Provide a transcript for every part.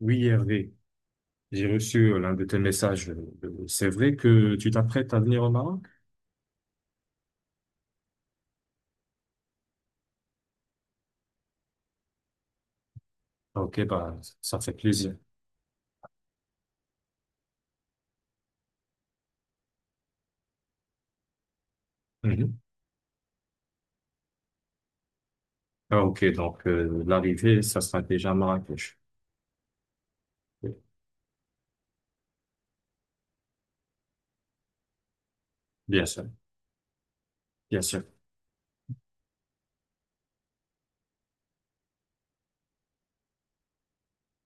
Oui, Hervé, j'ai reçu l'un de tes messages. C'est vrai que tu t'apprêtes à venir au Maroc? Ah, ok, bah, ça fait plaisir. Mhm. Ah, ok, donc l'arrivée, ça sera déjà à Marrakech. Oui, Bien sûr, bien sûr.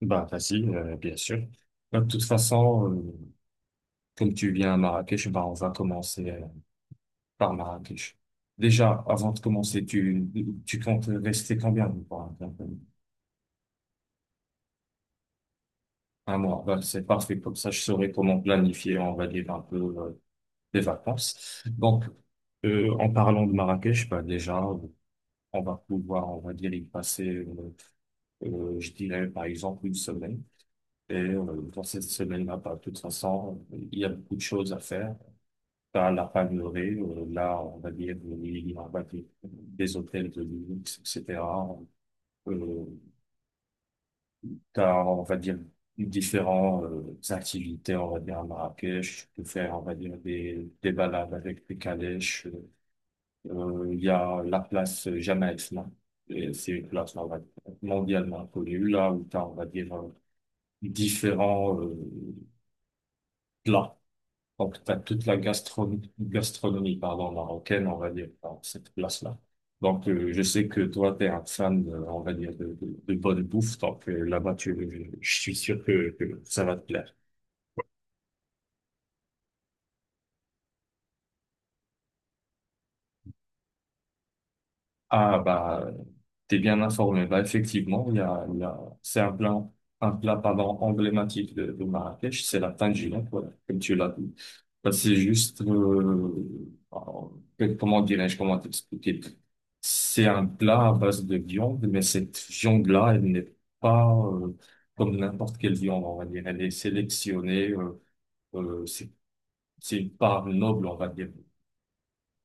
Bah, facile, bien sûr. Bah, de toute façon, comme tu viens à Marrakech, bah, on va commencer par Marrakech. Déjà, avant de commencer, tu comptes rester combien de temps? 1 mois, bah, c'est parfait, comme ça je saurai comment planifier, on va dire un peu, des vacances. Donc, en parlant de Marrakech, bah, déjà, on va pouvoir, on va dire, y passer, je dirais, par exemple, 1 semaine. Et dans cette semaine-là, bah, de toute façon, il y a beaucoup de choses à faire. T'as la Palmeraie, là, on va dire, il y aura des hôtels de luxe, etc. Euh, t'as, on va dire, différentes activités, on va dire, à Marrakech. Tu peux faire, on va dire, des balades avec des calèches. Il y a la place Jamaïque, là. Et c'est une place, on va dire, mondialement connue, là où tu as, on va dire, différents plats. Donc, tu as toute la gastronomie, gastronomie pardon, marocaine, on va dire, dans cette place-là. Donc, je sais que toi, tu es un fan, on va dire, de bonne bouffe. Donc, là-bas, tu, je suis sûr que ça va te plaire. Ah bah t'es bien informé. Bah effectivement, c'est un plat pardon, emblématique de Marrakech, c'est la tangia, voilà, comme tu l'as dit. Bah, c'est juste alors, comment dirais-je, comment t'expliquer? C'est un plat à base de viande, mais cette viande-là, elle n'est pas comme n'importe quelle viande, on va dire. Elle est sélectionnée, euh, c'est c'est une part noble, on va dire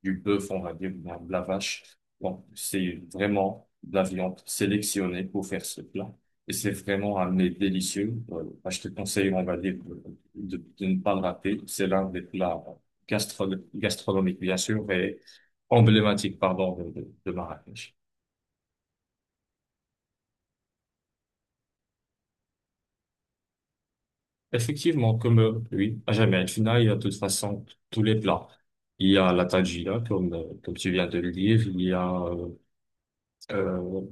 du bœuf, on va dire, ou bien de la vache. Donc, c'est vraiment de la viande sélectionnée pour faire ce plat. Et c'est vraiment un mets délicieux. Bah, je te conseille, on va dire, de ne pas le rater. C'est l'un des plats gastro gastronomiques, bien sûr, et emblématiques, pardon, de Marrakech. Effectivement, comme oui, à jamais al Fna, il y a de toute façon tous les plats. Il y a la tajina, comme, comme tu viens de le dire, il y a euh,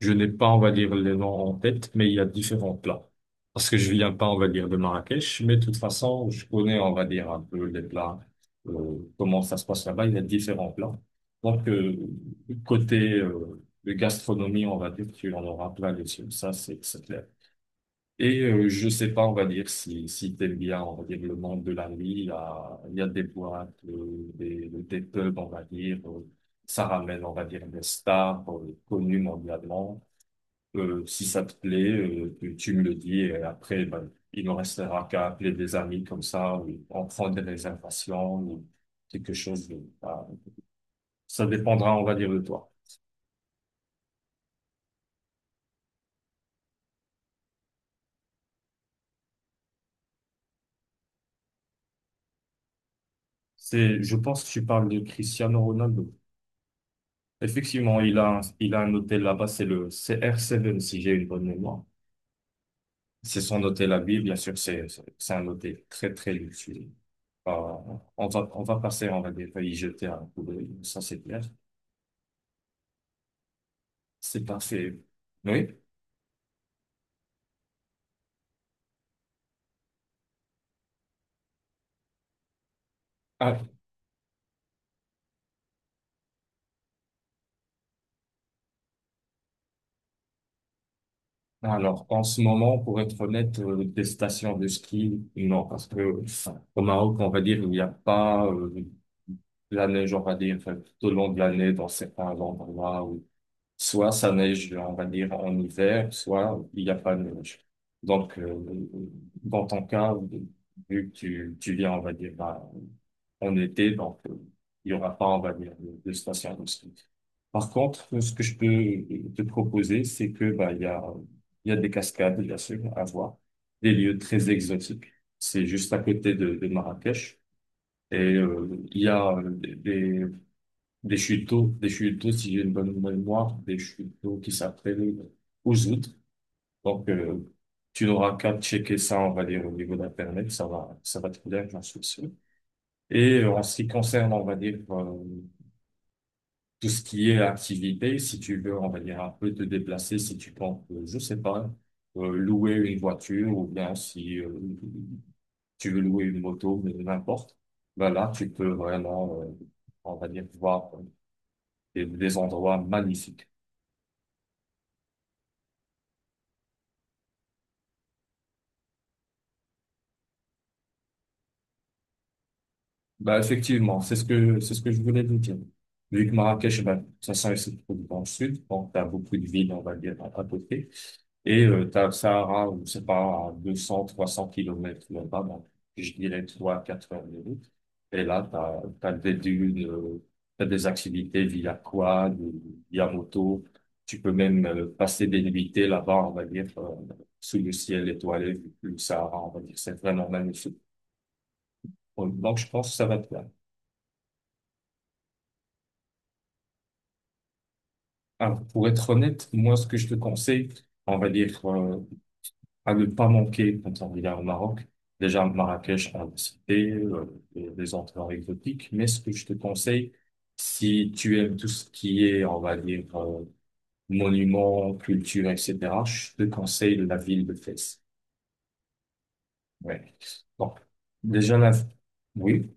je n'ai pas, on va dire, les noms en tête, mais il y a différents plats. Parce que je viens pas, on va dire, de Marrakech, mais de toute façon, je connais, on va dire, un peu les plats, comment ça se passe là-bas. Il y a différents plats. Donc, côté de gastronomie, on va dire, tu en auras plein les yeux. Ça, c'est clair. Et je sais pas, on va dire, si t'aimes bien, on va dire, le monde de la nuit, il y a des boîtes, des pubs, on va dire, ça ramène, on va dire, des stars connues mondialement. Si ça te plaît, tu me le dis et après, ben, il ne restera qu'à appeler des amis comme ça, ou en prendre des réservations, ou quelque chose. Ça dépendra, on va dire, de toi. C'est, je pense que tu parles de Cristiano Ronaldo. Effectivement, il a un hôtel là-bas, c'est le CR7, si j'ai une bonne mémoire. C'est son hôtel à Ville, bien sûr, c'est un hôtel très luxueux. Euh, on va passer, on va y jeter un coup d'œil, ça c'est clair. C'est parfait. Oui. Ah, alors, en ce moment, pour être honnête, des stations de ski, non, parce que au Maroc, on va dire, il n'y a pas de la neige, on va dire, enfin, tout au long de l'année dans certains endroits. Soit ça neige, on va dire, en hiver, soit il n'y a pas de neige. Donc, dans ton cas, vu que tu viens, on va dire, en été, donc il y aura pas, on va dire, de station de ski. Par contre, ce que je peux te proposer, c'est que bah, il y a des cascades, bien sûr, à voir, des lieux très exotiques. C'est juste à côté de Marrakech. Et il y a des, des chuteaux, si j'ai une bonne mémoire, des chuteaux qui s'appellent Ouzout. Donc, tu n'auras qu'à checker ça, on va dire, au niveau d'Internet, ça va te plaire, j'en suis sûr. Et en ce qui concerne, on va dire, tout ce qui est activité, si tu veux, on va dire, un peu te déplacer, si tu penses, je sais pas, louer une voiture ou bien si tu veux louer une moto, mais n'importe, ben là, tu peux vraiment, on va dire, voir des endroits magnifiques. Bah, effectivement, c'est ce que je voulais vous dire. Vu que Marrakech, bah, ça se trouve dans le sud, donc t'as beaucoup de villes, on va dire, à côté. Et t'as le Sahara, je sais pas, à 200, 300 kilomètres là-bas, donc, je dirais 3 4 heures de route. Et là, t'as des dunes, t'as des activités via quad, ou via moto. Tu peux même passer des nuitées là-bas, on va dire, sous le ciel étoilé, vu que le Sahara, on va dire, c'est vraiment magnifique. Donc, je pense que ça va être alors, pour être honnête, moi, ce que je te conseille, on va dire, à ne pas manquer quand on vient au Maroc. Déjà, Marrakech, on l'a cité, et les endroits exotiques. Mais ce que je te conseille, si tu aimes tout ce qui est, on va dire, monuments, culture, etc., je te conseille la ville de Fès. Ouais. Donc, déjà là, oui,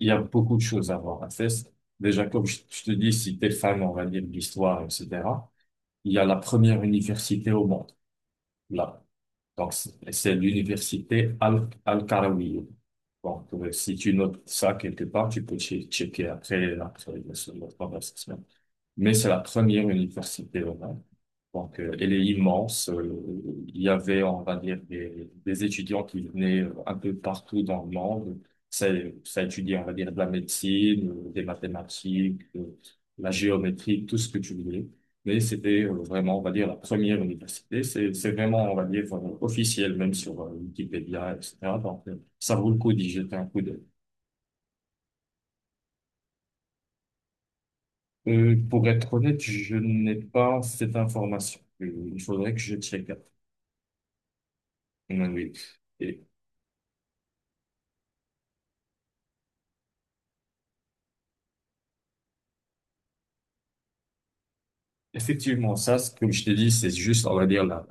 il y a beaucoup de choses à voir à Fès. Déjà, comme je te dis, si t'es fan, on va dire, de l'histoire, etc., il y a la première université au monde. Là. Donc, c'est l'université Al-Qarawiyya. Donc, si tu notes ça quelque part, tu peux checker après, après notre conversation, mais c'est la première université au monde. Donc, elle est immense. Il y avait, on va dire, des étudiants qui venaient un peu partout dans le monde. Ça, Ça étudiait, on va dire, de la médecine, des mathématiques, la géométrie, tout ce que tu voulais. Mais c'était vraiment, on va dire, la première université. C'est vraiment, on va dire, officiel, même sur Wikipédia, etc. Donc, ça vaut le coup d'y jeter un coup d'œil. Pour être honnête, je n'ai pas cette information. Il faudrait que je check. Mm, oui. Et effectivement, ça, comme je t'ai dit, c'est juste, on va dire,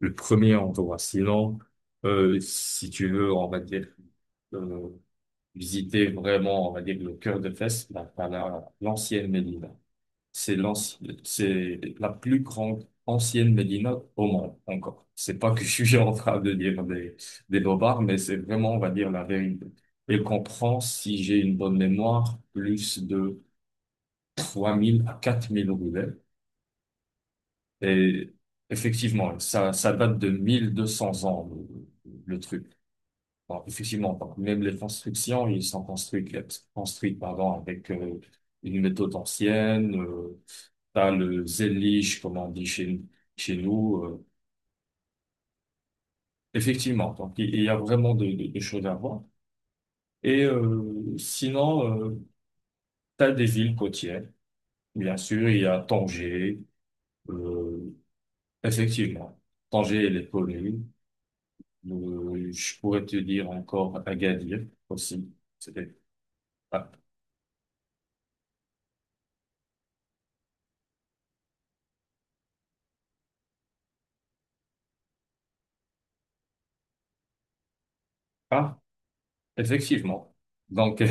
le premier endroit. Sinon, si tu veux, on va dire, euh, visiter vraiment, on va dire, le cœur de Fès, bah, l'ancienne Médina. C'est l'anci- c'est la plus grande ancienne médina au monde, encore. C'est pas que je suis en train de dire des bobards, mais c'est vraiment, on va dire, la vérité. Elle comprend, si j'ai une bonne mémoire, plus de 3 000 à 4 000 roulets. Et effectivement, ça date de 1 200 ans, le truc. Alors, effectivement, même les constructions, ils sont construites construites, pardon, avec une méthode ancienne. T'as le zélige, comme on dit chez nous. Effectivement, donc il y a vraiment de choses à voir. Et sinon, t'as des villes côtières. Bien sûr, il y a Tanger. Euh, effectivement, Tanger, elle est connue. Je pourrais te dire encore Agadir aussi. C'était ah, effectivement. Donc,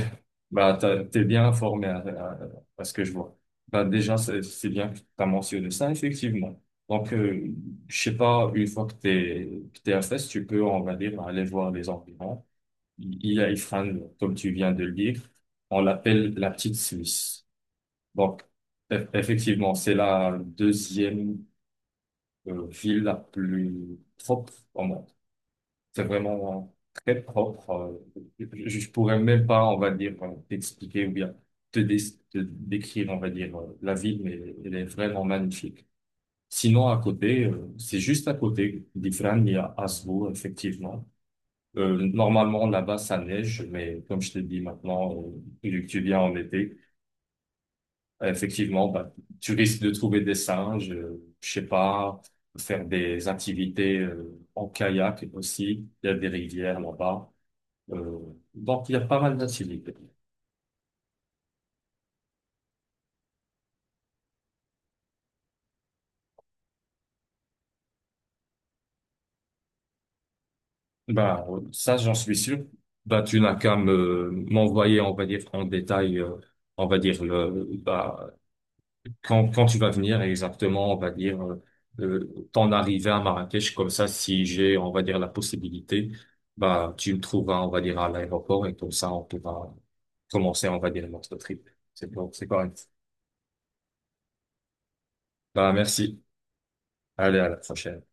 bah, t'es bien informé à ce que je vois. Bah, déjà, c'est bien que tu as mentionné ça, effectivement. Donc, je sais pas, une fois que que t'es à Fès, tu peux, on va dire, aller voir les environs. Il y a Ifrane, comme tu viens de le dire. On l'appelle la petite Suisse. Donc, effectivement, c'est la deuxième ville la plus propre, c'est vraiment très propre. Je pourrais même pas, on va dire, t'expliquer ou bien te, dé- te décrire, on va dire, la ville, mais elle est vraiment magnifique. Sinon, à côté, c'est juste à côté d'Ifrane, il y a Asvo, effectivement. Normalement, là-bas, ça neige, mais comme je te dis maintenant, vu que tu viens en été, effectivement, bah, tu risques de trouver des singes, je sais pas, faire des activités en kayak aussi. Il y a des rivières là-bas. Euh, donc, il y a pas mal d'incivilités. Bah, ça, j'en suis sûr. Bah, tu n'as qu'à m'envoyer, on va dire, en détail, on va dire, quand tu vas venir exactement, on va dire, ton arrivée à Marrakech, comme ça, si j'ai, on va dire, la possibilité, bah, tu me trouveras, on va dire, à l'aéroport et comme ça, on pourra commencer, on va dire, notre trip. C'est bon, c'est correct. Bah, merci. Allez, à la prochaine.